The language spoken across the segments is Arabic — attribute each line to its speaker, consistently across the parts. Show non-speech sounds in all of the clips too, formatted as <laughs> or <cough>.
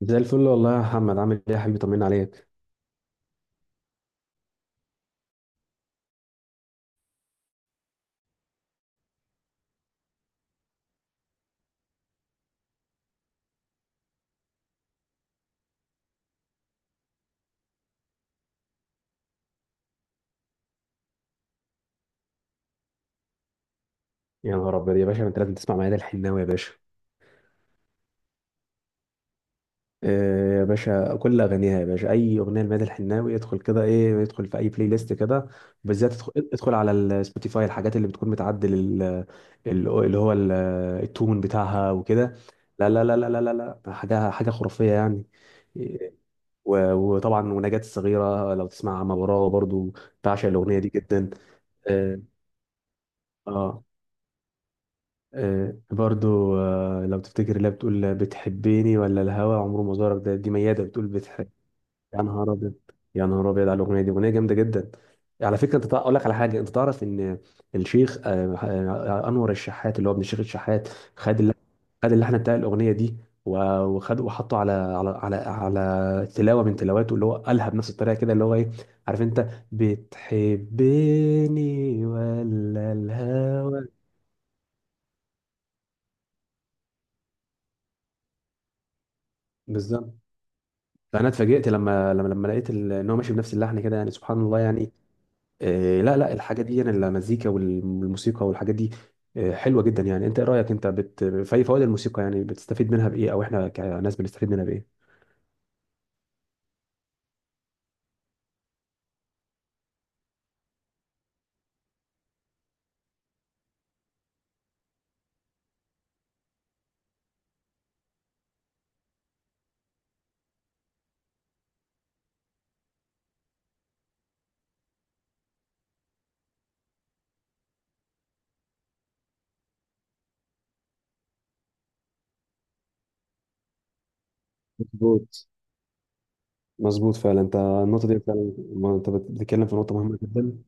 Speaker 1: زي الفل والله يا محمد، عامل ايه يا حبيبي؟ طمنا عليك. يا نهار ابيض يا باشا، ما انت لازم تسمع ميادة الحناوي يا باشا. إيه يا باشا، كل اغانيها يا باشا، اي اغنيه لميادة الحناوي ادخل كده، ايه ادخل في اي بلاي ليست كده. بالذات ادخل على السبوتيفاي، الحاجات اللي بتكون متعدل ال- اللي هو ال- التون بتاعها وكده. لا لا لا لا لا لا لا، حاجه حاجه خرافيه يعني. إيه، وطبعا ونجاة الصغيره لو تسمع عم براوه برضو. بعشق الاغنيه دي جدا. اه. آه. آه، برضو، لو تفتكر اللي هي بتقول بتحبيني ولا الهوى عمره ما زارك، ده دي ميادة بتقول بتحب. يا نهار ابيض. يا نهار ابيض على الاغنيه دي، اغنيه جامده جدا. على فكره انت اقول لك على حاجه، انت تعرف ان الشيخ انور الشحات اللي هو ابن الشيخ الشحات. خد اللحن خد اللحن بتاع الاغنيه دي، و- وخد وحطه على تلاوه من تلاواته اللي هو قالها بنفس الطريقه كده اللي هو ايه، عارف انت بتحبني ولا الهوى. بالظبط. انا اتفاجئت لما لقيت ان هو ماشي بنفس اللحن كده يعني سبحان الله يعني. إيه لا لا الحاجات دي يعني المزيكا والموسيقى والحاجات دي آه، حلوه جدا يعني. انت ايه رايك انت في أي فوائد الموسيقى، يعني بتستفيد منها بايه، او احنا كناس بنستفيد منها بايه؟ مظبوط. مظبوط فعلا، انت النقطه دي فعلا، ما انت بتتكلم في نقطه مهمه جدا.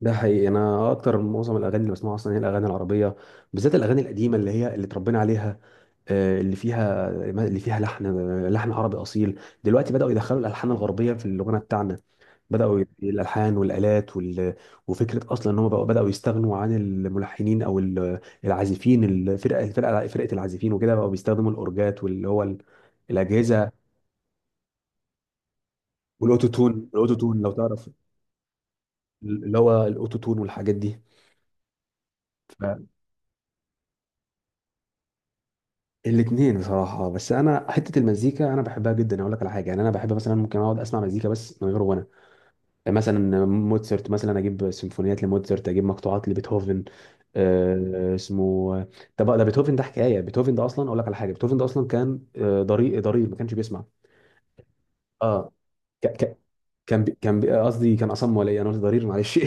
Speaker 1: ده حقيقي، انا اكتر معظم الاغاني اللي بسمعها اصلا هي الاغاني العربيه. بالذات الاغاني القديمه اللي اتربينا عليها، آه، اللي فيها اللي فيها لحن عربي اصيل. دلوقتي بداوا يدخلوا الالحان الغربيه في الغنى بتاعنا. بداوا الالحان والالات وفكره اصلا ان هم بقوا بداوا يستغنوا عن الملحنين او العازفين، الفرقه الفرقه فرقه العازفين وكده، بقوا بيستخدموا الاورجات واللي هو الاجهزه، والاوتوتون لو تعرف اللي هو الاوتوتون والحاجات دي. الاثنين بصراحه، بس انا حته المزيكا انا بحبها جدا، اقول لك على حاجه يعني انا بحب مثلا، ممكن اقعد اسمع مزيكا بس من غير غنى. مثلا موتسرت، مثلا اجيب سيمفونيات لموتسرت، اجيب مقطوعات لبيتهوفن. آه، اسمه. طب ده بيتهوفن ده حكايه، بيتهوفن ده اصلا اقول لك على حاجه، بيتهوفن ده اصلا كان ضرير ما كانش بيسمع. اه ك... ك... قصدي كان اصم ولا ايه، انا قلت ضرير معلش.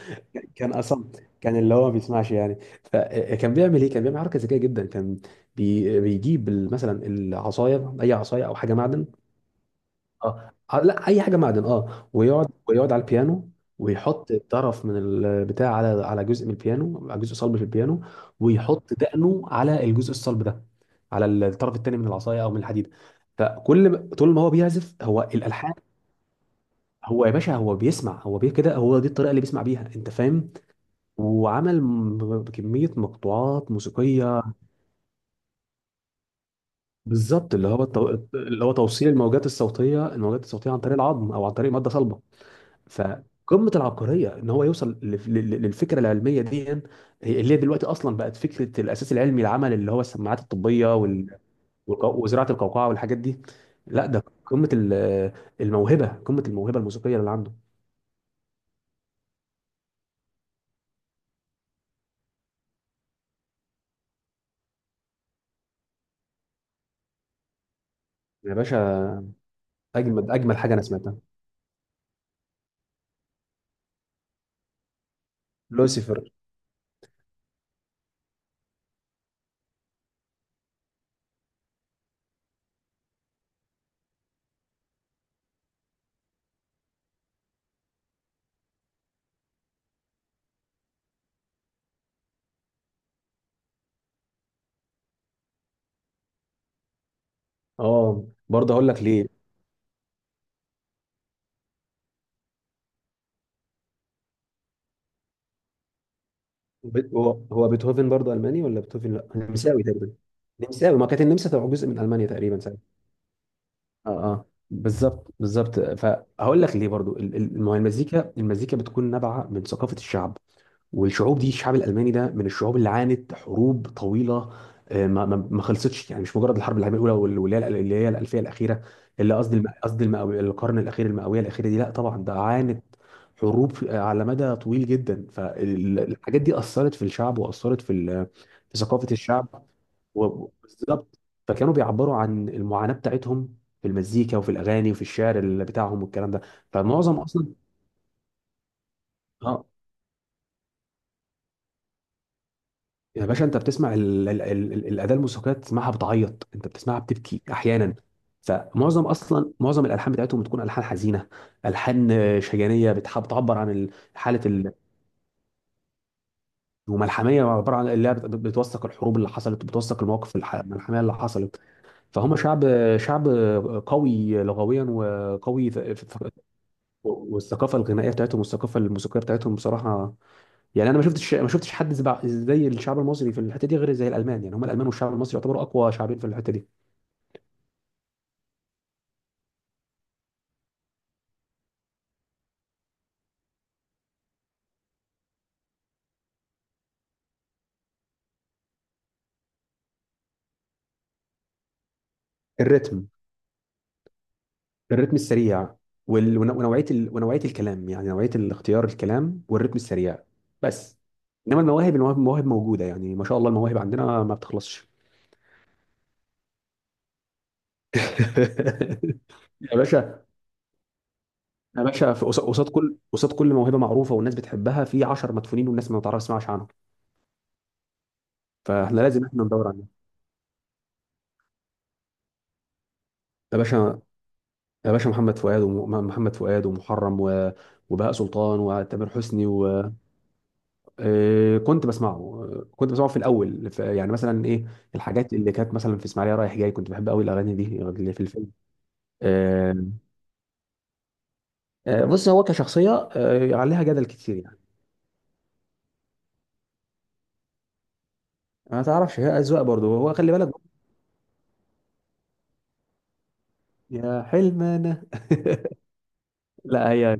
Speaker 1: <laughs> كان اصم، كان اللي هو ما بيسمعش يعني. فكان بيعمل ايه، كان بيعمل حركه ذكيه جدا، بيجيب مثلا العصايه، اي عصايه او حاجه معدن. اه، لا اي حاجه معدن اه، ويقعد على البيانو. ويحط طرف من البتاع على جزء من البيانو، على جزء صلب في البيانو. ويحط دقنه على الجزء الصلب ده، على الطرف التاني من العصايه او من الحديد. فكل ما- طول ما هو بيعزف هو الالحان. هو يا باشا هو بيسمع هو بيه كده، هو دي الطريقه اللي بيسمع بيها، انت فاهم. وعمل كميه مقطوعات موسيقيه. بالظبط، اللي هو توصيل الموجات الصوتيه عن طريق العظم او عن طريق ماده صلبه. فقمه العبقريه ان هو يوصل للفكره العلميه دي، اللي هي دلوقتي اصلا بقت فكره الاساس العلمي العمل اللي هو السماعات الطبيه وزراعه القوقعه والحاجات دي. لا ده قمه الموهبه الموسيقيه اللي عنده. يا باشا، اجمل حاجه انا سمعتها. لوسيفر. اه برضه هقول لك ليه. هو بيتهوفن برضه الماني ولا بيتهوفن، لا نمساوي تقريبا. نمساوي، ما كانت النمسا تبع جزء من المانيا تقريبا ساعتها. اه اه بالظبط بالظبط. فهقول لك ليه برضو، ما هو المزيكا بتكون نابعه من ثقافه الشعب. والشعوب دي الشعب الالماني ده من الشعوب اللي عانت حروب طويله، ما خلصتش يعني. مش مجرد الحرب العالميه الاولى واللي هي الالفيه الاخيره اللي قصدي، القرن الاخير، المئويه الاخيره دي، لا طبعا ده عانت حروب على مدى طويل جدا. فالحاجات دي اثرت في الشعب واثرت في ثقافه الشعب، بالظبط. فكانوا بيعبروا عن المعاناه بتاعتهم في المزيكا وفي الاغاني وفي الشعر اللي بتاعهم والكلام ده. فمعظم اصلا اه يا باشا، انت بتسمع الاداه الموسيقيه بتسمعها بتعيط، انت بتسمعها بتبكي احيانا. فمعظم اصلا معظم الالحان بتاعتهم بتكون الحان حزينه، الحان شجانيه بتعبر عن حاله وملحميه عباره عن اللي هي بتوثق الحروب اللي حصلت، بتوثق المواقف الملحميه اللي حصلت. فهم شعب شعب قوي لغويا، وقوي والثقافه الغنائيه بتاعتهم والثقافه الموسيقيه بتاعتهم بصراحه. يعني انا ما شفتش حد زي الشعب المصري في الحته دي، غير زي الالمان يعني، هم الالمان والشعب المصري يعتبروا اقوى شعبين في الحته دي. الريتم. الريتم السريع، ونوعيه الكلام، يعني نوعيه الاختيار الكلام، والريتم السريع بس. انما المواهب موجوده يعني ما شاء الله، المواهب عندنا ما بتخلصش. <laughs> يا باشا، يا باشا قصاد كل موهبه معروفه والناس بتحبها، في 10 مدفونين والناس ما تعرفش تسمعش عنهم، فاحنا لازم احنا ندور عليهم. يا باشا، يا باشا محمد فؤاد، ومحمد فؤاد ومحرم وبهاء سلطان وتامر حسني آه، كنت بسمعه. آه، كنت بسمعه في الاول يعني مثلا ايه الحاجات اللي كانت مثلا في اسماعيليه رايح جاي، كنت بحب قوي الاغاني دي اللي في الفيلم. آه، آه، بص هو كشخصيه، عليها جدل كتير يعني. ما تعرفش، هي اذواق برضه، هو خلي بالك. يا حلم انا <laughs> لا هي.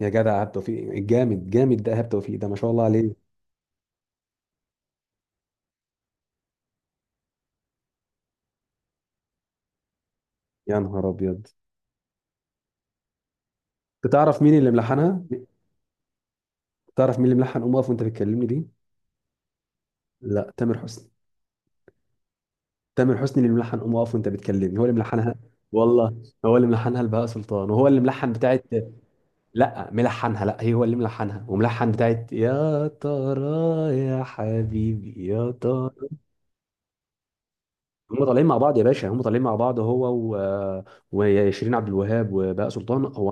Speaker 1: يا جدع ايهاب توفيق الجامد جامد ده، ايهاب توفيق ده ما شاء الله عليه. يا نهار ابيض. تعرف مين اللي ملحنها؟ تعرف مين اللي ملحن قوم اقف وانت بتكلمني دي؟ لا، تامر حسني. تامر حسني اللي ملحن قوم اقف وانت بتكلمني هو اللي ملحنها. والله هو اللي ملحنها لبهاء سلطان، وهو اللي ملحن بتاعت. لا ملحنها، لا هي هو اللي ملحنها وملحن بتاعت يا ترى، يا حبيبي يا ترى. هم طالعين مع بعض يا باشا، هم طالعين مع بعض هو و... وشيرين عبد الوهاب وبهاء سلطان هو.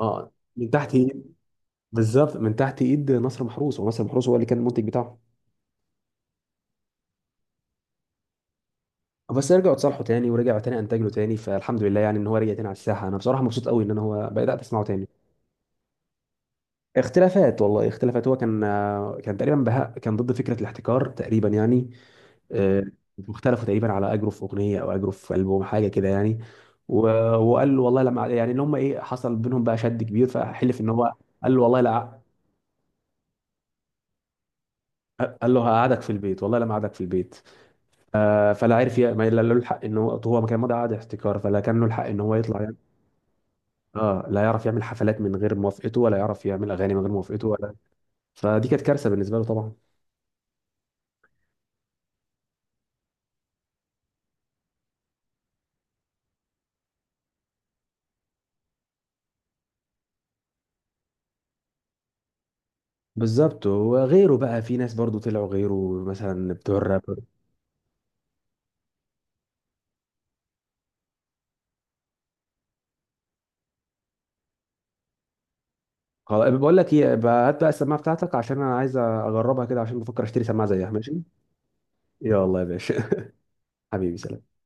Speaker 1: اه، من تحت ايد. بالظبط، من تحت ايد نصر محروس، ونصر محروس هو اللي كان المنتج بتاعه. بس رجعوا اتصالحوا تاني، ورجعوا تاني انتج له تاني فالحمد لله يعني ان هو رجع تاني على الساحه. انا بصراحه مبسوط قوي ان انا هو بدات اسمعه تاني. اختلافات والله، اختلافات، هو كان، كان تقريبا بهاء كان ضد فكره الاحتكار تقريبا يعني. آه، واختلفوا تقريبا على اجره في اغنيه او اجره في البوم حاجه كده يعني. و- وقال له والله لما يعني اللي هم ايه حصل بينهم بقى شد كبير، فحلف ان هو قال له والله لا، قال له هقعدك في البيت والله لا قعدك في البيت. فلا عرف ما لا له الحق ان هو ما كان مضى قعد احتكار فلا كان له الحق ان هو يطلع. اه لا يعرف يعمل حفلات من غير موافقته، ولا يعرف يعمل اغاني من غير موافقته ولا. فدي كانت كارثه بالنسبه له طبعا. بالظبط، وغيره بقى، في ناس برضو طلعوا غيره، مثلا بتوع الراب. خلاص، بقول لك ايه بقى، هات بقى السماعه بتاعتك عشان انا عايز اجربها كده، عشان بفكر اشتري سماعه زيها ماشي. يلا يا باشا. <laughs> حبيبي سلام.